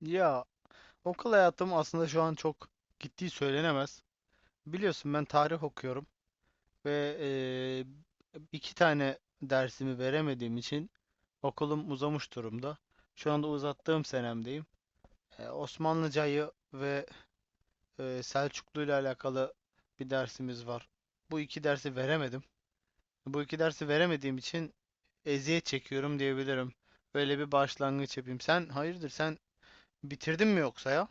Ya okul hayatım aslında şu an çok gittiği söylenemez. Biliyorsun ben tarih okuyorum ve iki tane dersimi veremediğim için okulum uzamış durumda. Şu anda uzattığım senemdeyim. Osmanlıcayı ve Selçuklu ile alakalı bir dersimiz var. Bu iki dersi veremedim. Bu iki dersi veremediğim için eziyet çekiyorum diyebilirim. Böyle bir başlangıç yapayım. Sen hayırdır, sen bitirdin mi yoksa ya?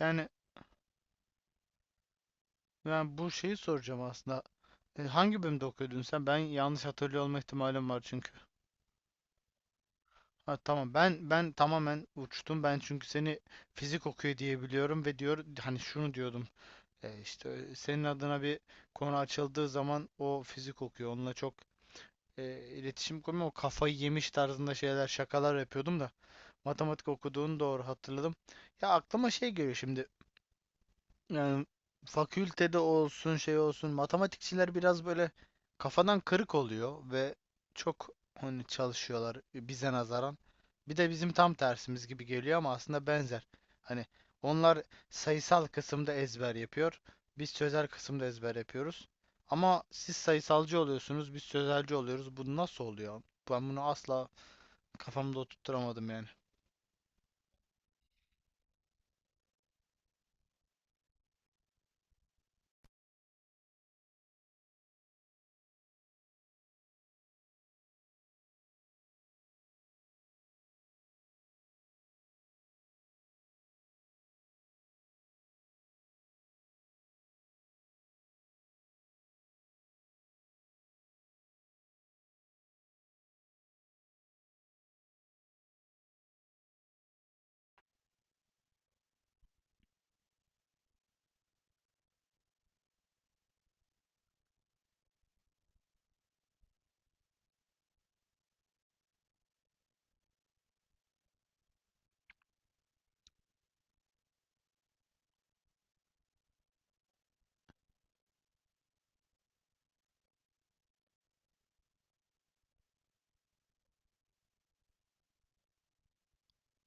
Yani ben bu şeyi soracağım aslında. E, hangi bölümde okuyordun sen? Ben yanlış hatırlıyor olma ihtimalim var çünkü. Ha, tamam, ben tamamen uçtum. Ben çünkü seni fizik okuyor diye biliyorum ve diyor hani şunu diyordum. E, işte senin adına bir konu açıldığı zaman o fizik okuyor. Onunla çok e, iletişim kurmuyor. O kafayı yemiş tarzında şeyler, şakalar yapıyordum da matematik okuduğunu doğru hatırladım. Ya aklıma şey geliyor şimdi. Yani fakültede olsun, şey olsun, matematikçiler biraz böyle kafadan kırık oluyor ve çok hani çalışıyorlar bize nazaran. Bir de bizim tam tersimiz gibi geliyor ama aslında benzer. Hani onlar sayısal kısımda ezber yapıyor. Biz sözel kısımda ezber yapıyoruz. Ama siz sayısalcı oluyorsunuz, biz sözelci oluyoruz. Bu nasıl oluyor? Ben bunu asla kafamda oturtturamadım yani.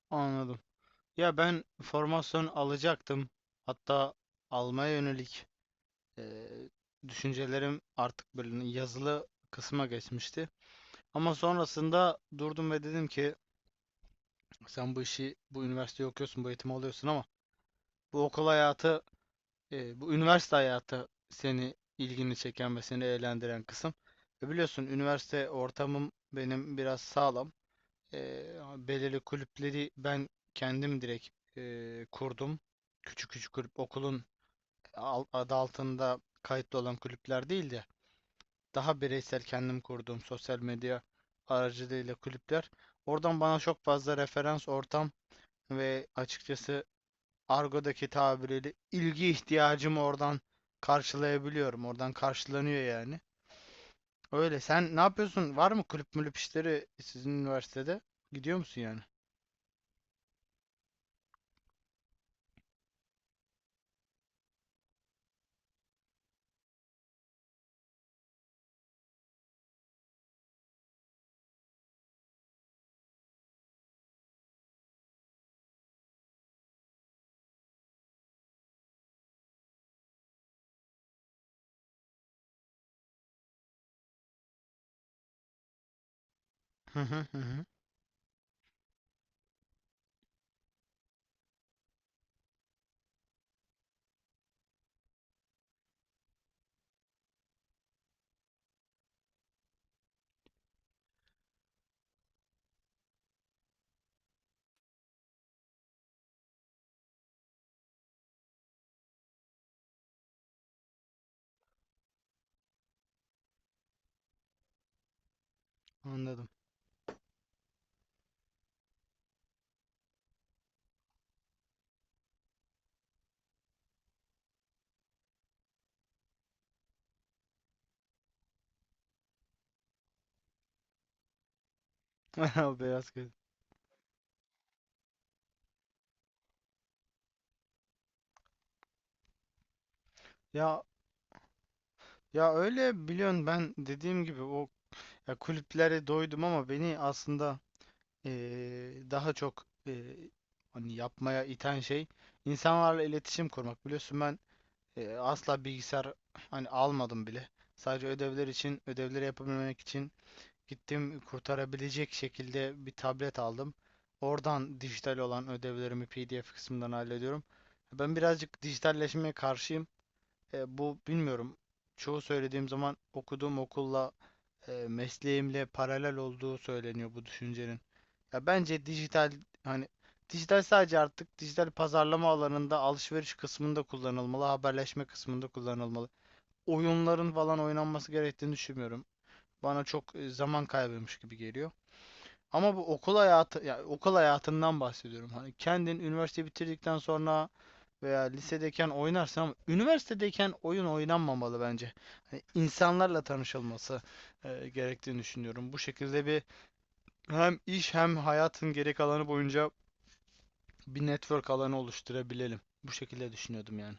Anladım. Ya ben formasyon alacaktım. Hatta almaya yönelik Eee, düşüncelerim artık böyle yazılı kısma geçmişti. Ama sonrasında durdum ve dedim ki sen bu işi, bu üniversiteyi okuyorsun, bu eğitimi alıyorsun ama bu okul hayatı, bu üniversite hayatı seni ilgini çeken ve seni eğlendiren kısım. E biliyorsun üniversite ortamım benim biraz sağlam. Belirli kulüpleri ben kendim direkt kurdum. Küçük küçük kulüp, okulun adı altında kayıtlı olan kulüpler değil de daha bireysel kendim kurduğum sosyal medya aracılığıyla kulüpler. Oradan bana çok fazla referans ortam ve açıkçası argodaki tabiriyle ilgi ihtiyacımı oradan karşılayabiliyorum. Oradan karşılanıyor yani. Öyle. Sen ne yapıyorsun? Var mı kulüp mülüp işleri sizin üniversitede? Gidiyor musun yani? Hı hı hı hı. Anladım. O beyaz göz. Ya ya öyle, biliyorsun ben dediğim gibi o ya kulüplere doydum ama beni aslında daha çok hani yapmaya iten şey insanlarla iletişim kurmak. Biliyorsun ben asla bilgisayar hani almadım bile. Sadece ödevler için, ödevleri yapabilmek için gittim kurtarabilecek şekilde bir tablet aldım. Oradan dijital olan ödevlerimi PDF kısmından hallediyorum. Ben birazcık dijitalleşmeye karşıyım. Bu bilmiyorum. Çoğu söylediğim zaman okuduğum okulla mesleğimle paralel olduğu söyleniyor bu düşüncenin. Ya bence dijital hani dijital sadece artık dijital pazarlama alanında, alışveriş kısmında kullanılmalı, haberleşme kısmında kullanılmalı. Oyunların falan oynanması gerektiğini düşünmüyorum. Bana çok zaman kaybıymış gibi geliyor. Ama bu okul hayatı, ya okul hayatından bahsediyorum. Hani kendin üniversite bitirdikten sonra veya lisedeyken oynarsın ama üniversitedeyken oyun oynanmamalı bence. Hani insanlarla tanışılması gerektiğini düşünüyorum. Bu şekilde bir hem iş hem hayatın geri kalanı boyunca bir network alanı oluşturabilelim. Bu şekilde düşünüyordum yani.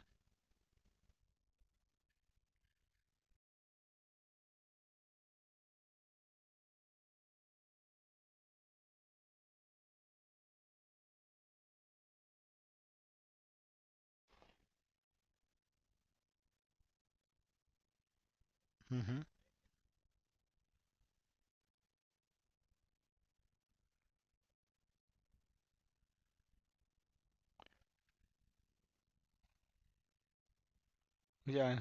Hı hı. Yani,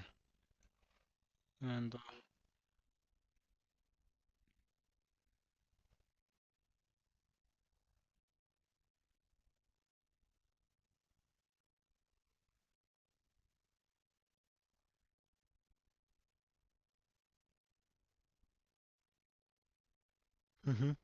yani doğru. Hı hı.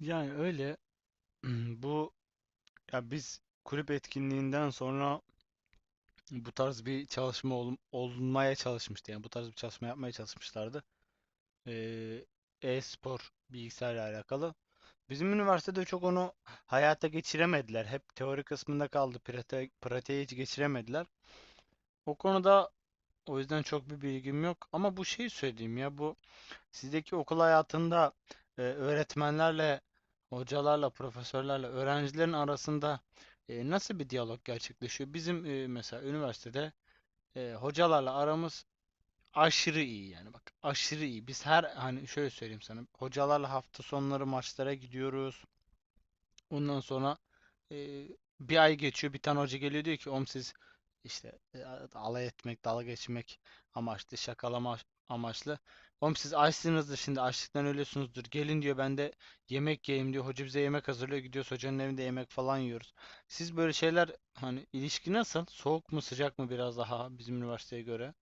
Yani öyle bu ya biz kulüp etkinliğinden sonra bu tarz bir çalışma olmaya çalışmıştı. Yani bu tarz bir çalışma yapmaya çalışmışlardı. Ee, E-spor bilgisayarla alakalı. Bizim üniversitede çok onu hayata geçiremediler. Hep teori kısmında kaldı. Pratiğe hiç geçiremediler. O konuda, o yüzden çok bir bilgim yok. Ama bu şeyi söyleyeyim ya bu sizdeki okul hayatında öğretmenlerle, hocalarla, profesörlerle, öğrencilerin arasında nasıl bir diyalog gerçekleşiyor? Bizim mesela üniversitede hocalarla aramız aşırı iyi, yani bak aşırı iyi. Biz her hani şöyle söyleyeyim sana, hocalarla hafta sonları maçlara gidiyoruz. Ondan sonra e, bir ay geçiyor. Bir tane hoca geliyor diyor ki om siz işte alay etmek, dalga geçmek amaçlı, şakalama amaçlı. Oğlum siz açsınızdır şimdi, açlıktan ölüyorsunuzdur. Gelin diyor, ben de yemek yiyeyim diyor. Hoca bize yemek hazırlıyor. Gidiyoruz hocanın evinde yemek falan yiyoruz. Siz böyle şeyler, hani ilişki nasıl? Soğuk mu sıcak mı biraz daha bizim üniversiteye göre?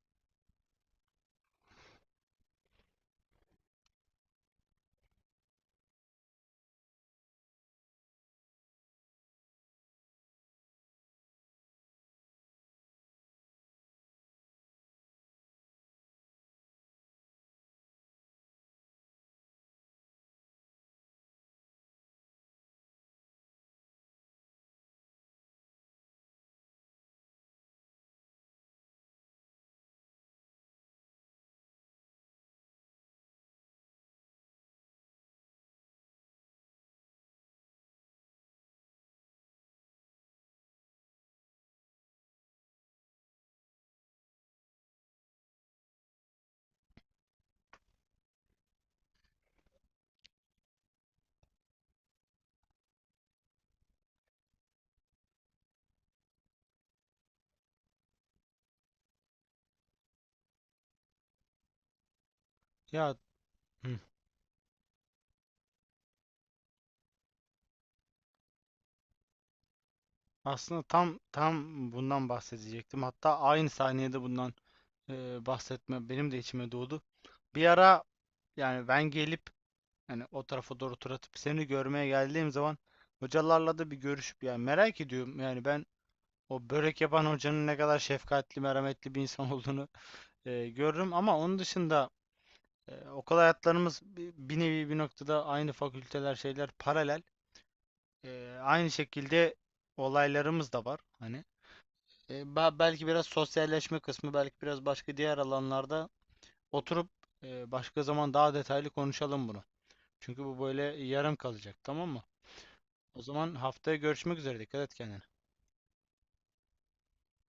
Ya hı, aslında tam bundan bahsedecektim. Hatta aynı saniyede bundan bahsetme benim de içime doğdu. Bir ara yani ben gelip hani o tarafa doğru tur atıp seni görmeye geldiğim zaman hocalarla da bir görüşüp yani merak ediyorum. Yani ben o börek yapan hocanın ne kadar şefkatli, merhametli bir insan olduğunu görürüm ama onun dışında okul hayatlarımız bir nevi bir noktada aynı, fakülteler şeyler paralel. E, aynı şekilde olaylarımız da var hani. E, belki biraz sosyalleşme kısmı, belki biraz başka diğer alanlarda oturup başka zaman daha detaylı konuşalım bunu. Çünkü bu böyle yarım kalacak, tamam mı? O zaman haftaya görüşmek üzere. Dikkat et kendine.